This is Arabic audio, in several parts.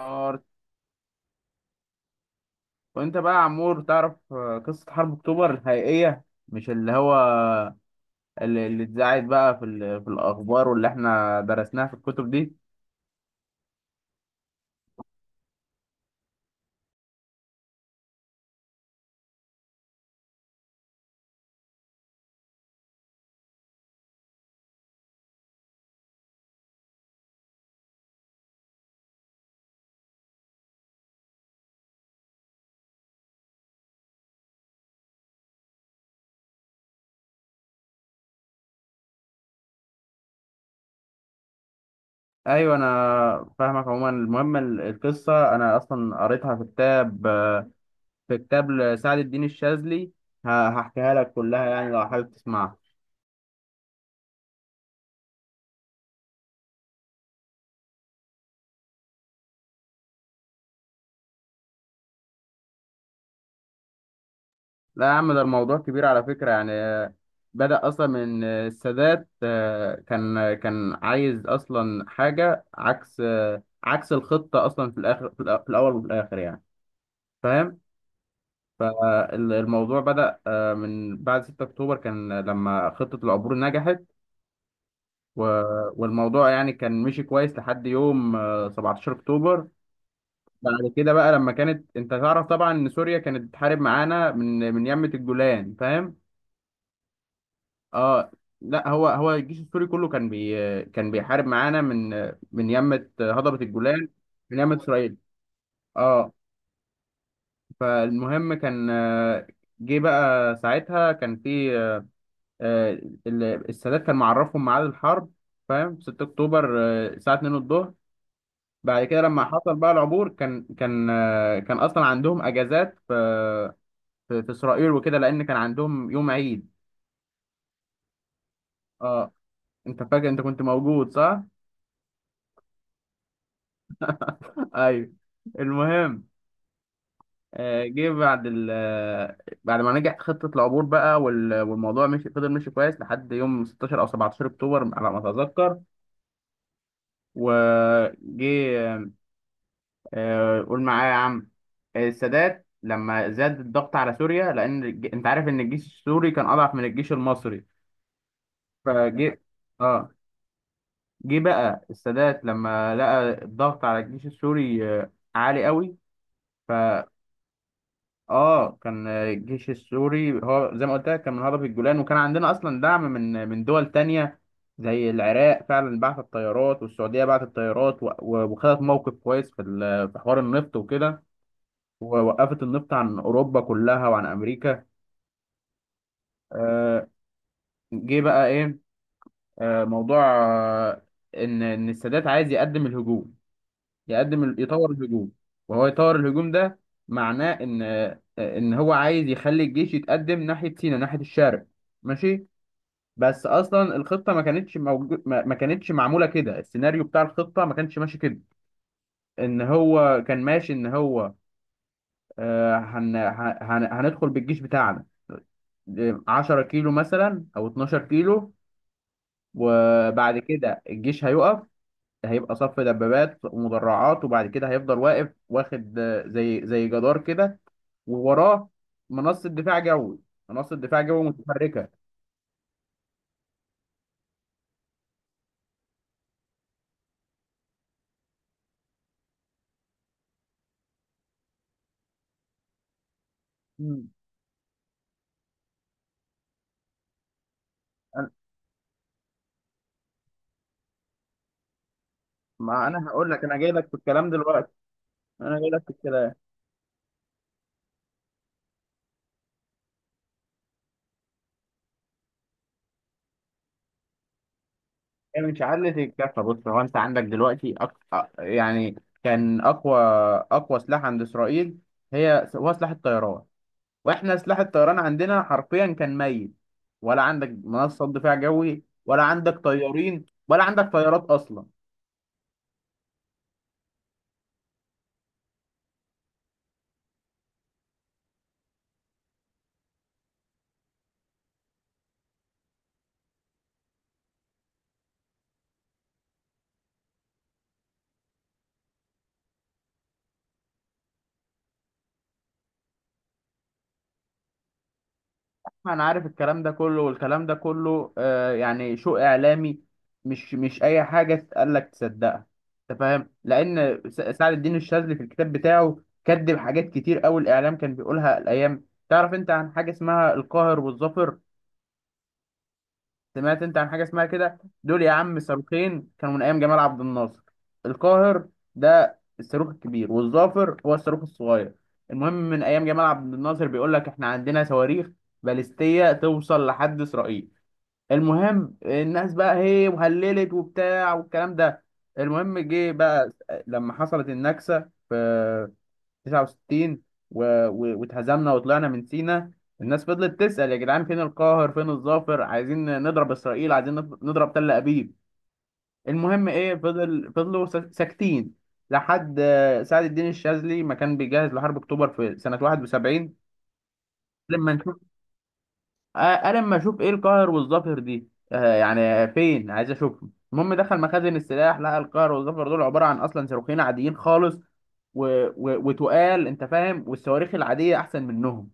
نار. وانت بقى يا عمور تعرف، قصة حرب اكتوبر الحقيقية، مش اللي هو اللي اتذاعت بقى في الأخبار واللي احنا درسناها في الكتب دي. أيوة، أنا فاهمك. عموما المهم القصة أنا أصلا قريتها في كتاب، في كتاب لسعد الدين الشاذلي. هحكيها لك كلها يعني لو حابب تسمعها. لا يا عم، ده الموضوع كبير على فكرة. يعني بدأ أصلا من السادات. كان عايز أصلا حاجة عكس، عكس الخطة أصلا في الآخر، في الأول وفي الآخر يعني، فاهم. فالموضوع بدأ من بعد 6 أكتوبر، كان لما خطة العبور نجحت، والموضوع يعني كان مشي كويس لحد يوم 17 أكتوبر. بعد كده بقى، لما كانت انت تعرف طبعا ان سوريا كانت بتحارب معانا من من يمة الجولان، فاهم. اه. لا، هو الجيش السوري كله كان بيحارب معانا من من يمة هضبة الجولان، من يمة اسرائيل. اه. فالمهم كان، جه بقى ساعتها كان في، آه، السادات كان معرفهم ميعاد الحرب، فاهم. 6 اكتوبر الساعة 2 الظهر. بعد كده لما حصل بقى العبور، كان كان اصلا عندهم اجازات في في اسرائيل وكده، لان كان عندهم يوم عيد. اه، انت فاكر، انت كنت موجود صح؟ ايوه. المهم، آه، جه بعد ال آه، بعد ما نجح خطة العبور بقى، والموضوع مشي، فضل ماشي كويس لحد يوم 16 أو 17 أكتوبر على ما أتذكر. وجه قول معايا يا عم، السادات لما زاد الضغط على سوريا، لأن أنت عارف إن الجيش السوري كان أضعف من الجيش المصري. فجه آه جه بقى السادات لما لقى الضغط على الجيش السوري عالي قوي. اه، كان الجيش السوري هو زي ما قلت لك، كان من هرب الجولان. وكان عندنا اصلا دعم من دول تانية زي العراق، فعلا بعت الطيارات، والسعوديه بعتت الطيارات وخدت موقف كويس في حوار النفط وكده، ووقفت النفط عن اوروبا كلها وعن امريكا. آه، جه بقى ايه، موضوع آه، ان السادات عايز يقدم الهجوم، يقدم يطور الهجوم. وهو يطور الهجوم ده معناه ان هو عايز يخلي الجيش يتقدم ناحيه سيناء، ناحيه الشرق، ماشي. بس اصلا الخطه ما كانتش موجود، ما كانتش معموله كده، السيناريو بتاع الخطه ما كانش ماشي كده. ان هو كان ماشي ان هو هندخل بالجيش بتاعنا 10 كيلو مثلا او 12 كيلو، وبعد كده الجيش هيقف، هيبقى صف دبابات ومدرعات، وبعد كده هيفضل واقف واخد زي جدار كده، ووراه منصة دفاع جوي منصة دفاع جوي متحركة. مم. أنا- ما انا هقول لك، انا جاي لك في الكلام دلوقتي، انا جاي لك في الكلام. هي من شعلة الكفة، بص هو انت عندك دلوقتي يعني كان اقوى سلاح عند اسرائيل هي، هو سلاح الطيران. واحنا سلاح الطيران عندنا حرفيا كان ميت، ولا عندك منصة دفاع جوي، ولا عندك طيارين، ولا عندك طيارات اصلا. انا عارف الكلام ده كله، والكلام ده كله آه يعني شو اعلامي. مش اي حاجة تقال لك تصدقها، انت فاهم. لان سعد الدين الشاذلي في الكتاب بتاعه كذب حاجات كتير قوي الاعلام كان بيقولها الايام. تعرف انت عن حاجة اسمها القاهر والظافر؟ سمعت انت عن حاجه اسمها كده؟ دول يا عم صاروخين كانوا من ايام جمال عبد الناصر. القاهر ده الصاروخ الكبير، والظافر هو الصاروخ الصغير. المهم من ايام جمال عبد الناصر بيقول لك احنا عندنا صواريخ باليستيه توصل لحد اسرائيل. المهم الناس بقى هي وهللت وبتاع والكلام ده. المهم جه بقى لما حصلت النكسه في 69 واتهزمنا وطلعنا من سينا، الناس فضلت تسأل يا جدعان فين القاهر، فين الظافر، عايزين نضرب إسرائيل، عايزين نضرب تل أبيب. المهم إيه، فضلوا ساكتين لحد سعد الدين الشاذلي ما كان بيجهز لحرب أكتوبر في سنة 71. لما نشوف آه، لما أشوف إيه القاهر والظافر دي يعني فين، عايز أشوفهم. المهم دخل مخازن السلاح، لقى القاهر والظفر دول عبارة عن أصلا صاروخين عاديين خالص، وتقال انت فاهم، والصواريخ العاديه احسن منهم.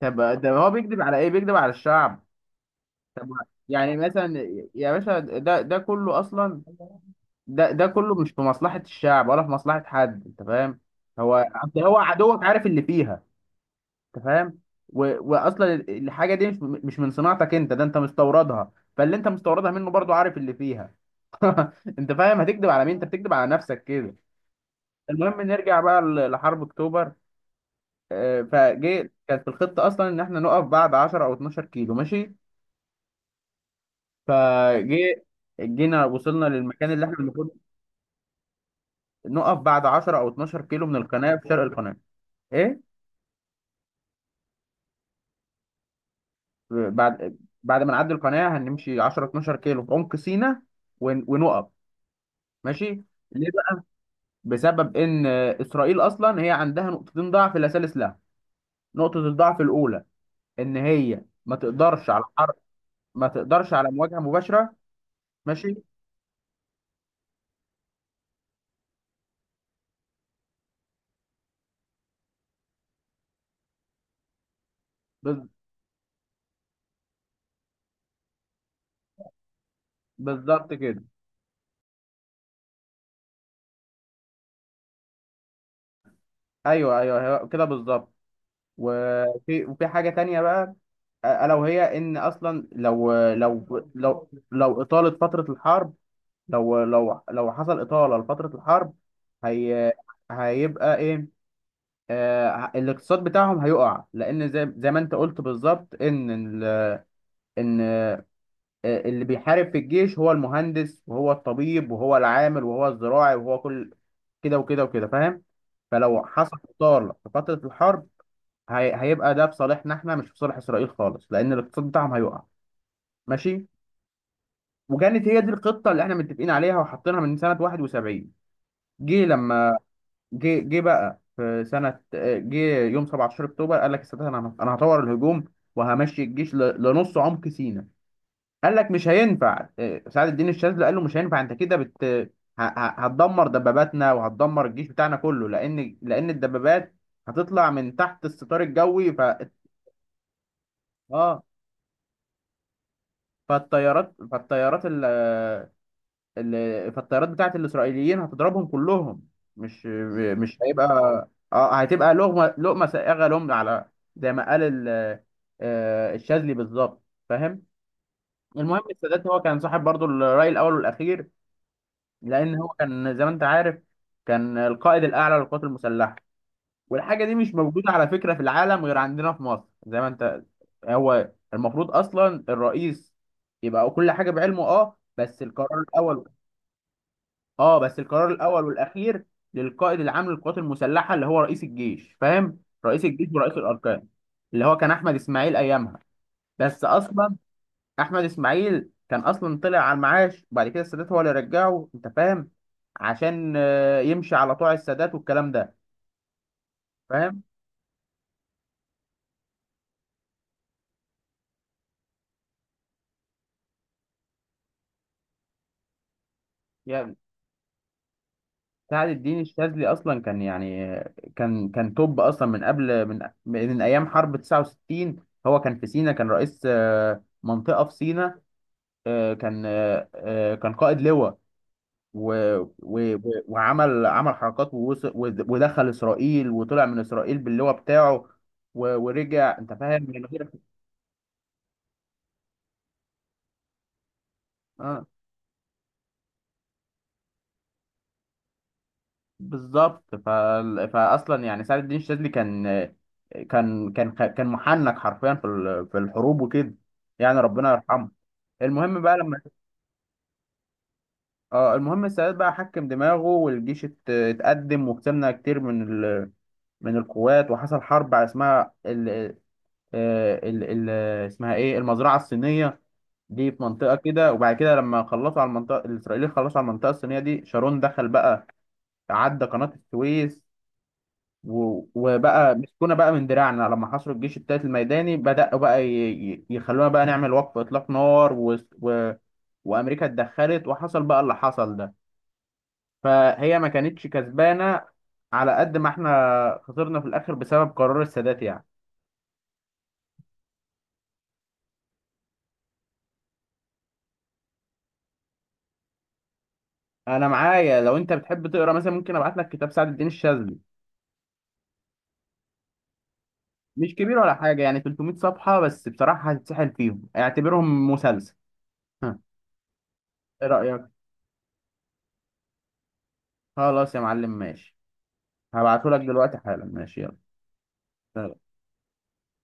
طب ده هو بيكذب على ايه؟ بيكذب على الشعب. طب يعني مثلا، يا باشا ده ده كله اصلا، ده كله مش في مصلحة الشعب ولا في مصلحة حد، انت فاهم. هو أصل هو عدوك عارف اللي فيها، انت فاهم. و... واصلا الحاجة دي مش من صناعتك انت، ده انت مستوردها، فاللي انت مستوردها منه برضو عارف اللي فيها. انت فاهم؟ هتكذب على مين؟ انت بتكذب على نفسك كده. المهم نرجع بقى لحرب اكتوبر. فجه كانت في الخطة اصلا ان احنا نقف بعد 10 او 12 كيلو، ماشي. فجي جينا وصلنا للمكان اللي احنا المفروض، نقف بعد 10 او 12 كيلو من القناه في شرق القناه. ايه. بعد بعد ما نعدي القناه، هنمشي 10 12 كيلو في عمق سيناء ونقف، ماشي. ليه بقى؟ بسبب ان اسرائيل اصلا هي عندها نقطتين ضعف لا ثالث لها. نقطه الضعف الاولى ان هي ما تقدرش على حرب، ما تقدرش على مواجهه مباشره، ماشي. بز- بالظبط كده. ايوه، ايوه، كده بالظبط. وفي حاجه تانية بقى، الا وهي ان اصلا لو اطاله فتره الحرب، لو حصل اطاله لفتره الحرب، هي هيبقى ايه آه، الاقتصاد بتاعهم هيقع. لان زي ما انت قلت بالظبط، ان ال- ان آه، اللي بيحارب في الجيش هو المهندس، وهو الطبيب، وهو العامل، وهو الزراعي، وهو كل كده وكده وكده، فاهم. فلو حصل اطاله في فتره الحرب، هي هيبقى ده في صالحنا احنا، مش في صالح اسرائيل خالص، لان الاقتصاد بتاعهم هيقع، ماشي. وكانت هي دي الخطه اللي احنا متفقين عليها وحاطينها من سنه 71. جه لما جه جه بقى في سنه جه يوم 17 اكتوبر قال لك السادات، انا هطور الهجوم وهمشي الجيش لنص عمق سيناء. قال لك مش هينفع سعد الدين الشاذلي قال له مش هينفع، انت كده هتدمر دباباتنا، وهتدمر الجيش بتاعنا كله، لان الدبابات هتطلع من تحت الستار الجوي. ف اه فالطيارات فالطيارات ال- ال- فالطيارات بتاعت الإسرائيليين هتضربهم كلهم، مش مش هيبقى، اه هتبقى لقمة سائغة لهم، على زي ما قال ال- الشاذلي بالظبط، فاهم. المهم السادات هو كان صاحب برضو الرأي الأول والأخير، لأن هو كان زي ما أنت عارف كان القائد الأعلى للقوات المسلحة. والحاجة دي مش موجودة على فكرة في العالم غير عندنا في مصر، زي ما أنت، هو المفروض أصلا الرئيس يبقى كل حاجة بعلمه. أه، بس القرار الاول والاخير للقائد العام للقوات المسلحه اللي هو رئيس الجيش، فاهم. رئيس الجيش ورئيس الاركان اللي هو كان احمد اسماعيل ايامها. بس اصلا احمد اسماعيل كان اصلا طلع على المعاش، وبعد كده السادات هو اللي رجعه، انت فاهم، عشان يمشي على طوع السادات والكلام ده، فاهم. يعني سعد الدين الشاذلي اصلا كان يعني كان توب اصلا من قبل، من ايام حرب 69. هو كان في سينا، كان رئيس منطقه في سينا، كان كان قائد لواء و... و... و- وعمل عمل حركات، ووصل ودخل اسرائيل وطلع من اسرائيل باللواء بتاعه ورجع انت فاهم من غير. اه، بالظبط. فاصلا يعني سعد الدين الشاذلي كان محنك حرفيا في الحروب وكده، يعني ربنا يرحمه. المهم بقى لما اه المهم السادات بقى حكم دماغه، والجيش اتقدم، وكسبنا كتير من القوات. وحصل حرب اسمها آه، ال ال اسمها ايه، المزرعه الصينيه، دي في منطقه كده. وبعد كده لما خلصوا على المنطقه، الاسرائيليين خلصوا على المنطقه الصينيه دي، شارون دخل بقى، عدى قناه السويس وبقى مسكونا بقى من دراعنا. لما حصروا الجيش التالت الميداني، بدأوا بقى يخلونا بقى نعمل وقف اطلاق نار وامريكا اتدخلت، وحصل بقى اللي حصل ده. فهي ما كانتش كسبانه على قد ما احنا خسرنا في الاخر بسبب قرار السادات يعني. انا معايا، لو انت بتحب تقرا مثلا، ممكن ابعت لك كتاب سعد الدين الشاذلي. مش كبير ولا حاجه، يعني 300 صفحه بس، بصراحه هتتسحل فيهم، اعتبرهم مسلسل. ها، ايه رايك؟ خلاص يا معلم، ماشي. هبعته لك دلوقتي حالا، ماشي. يلا.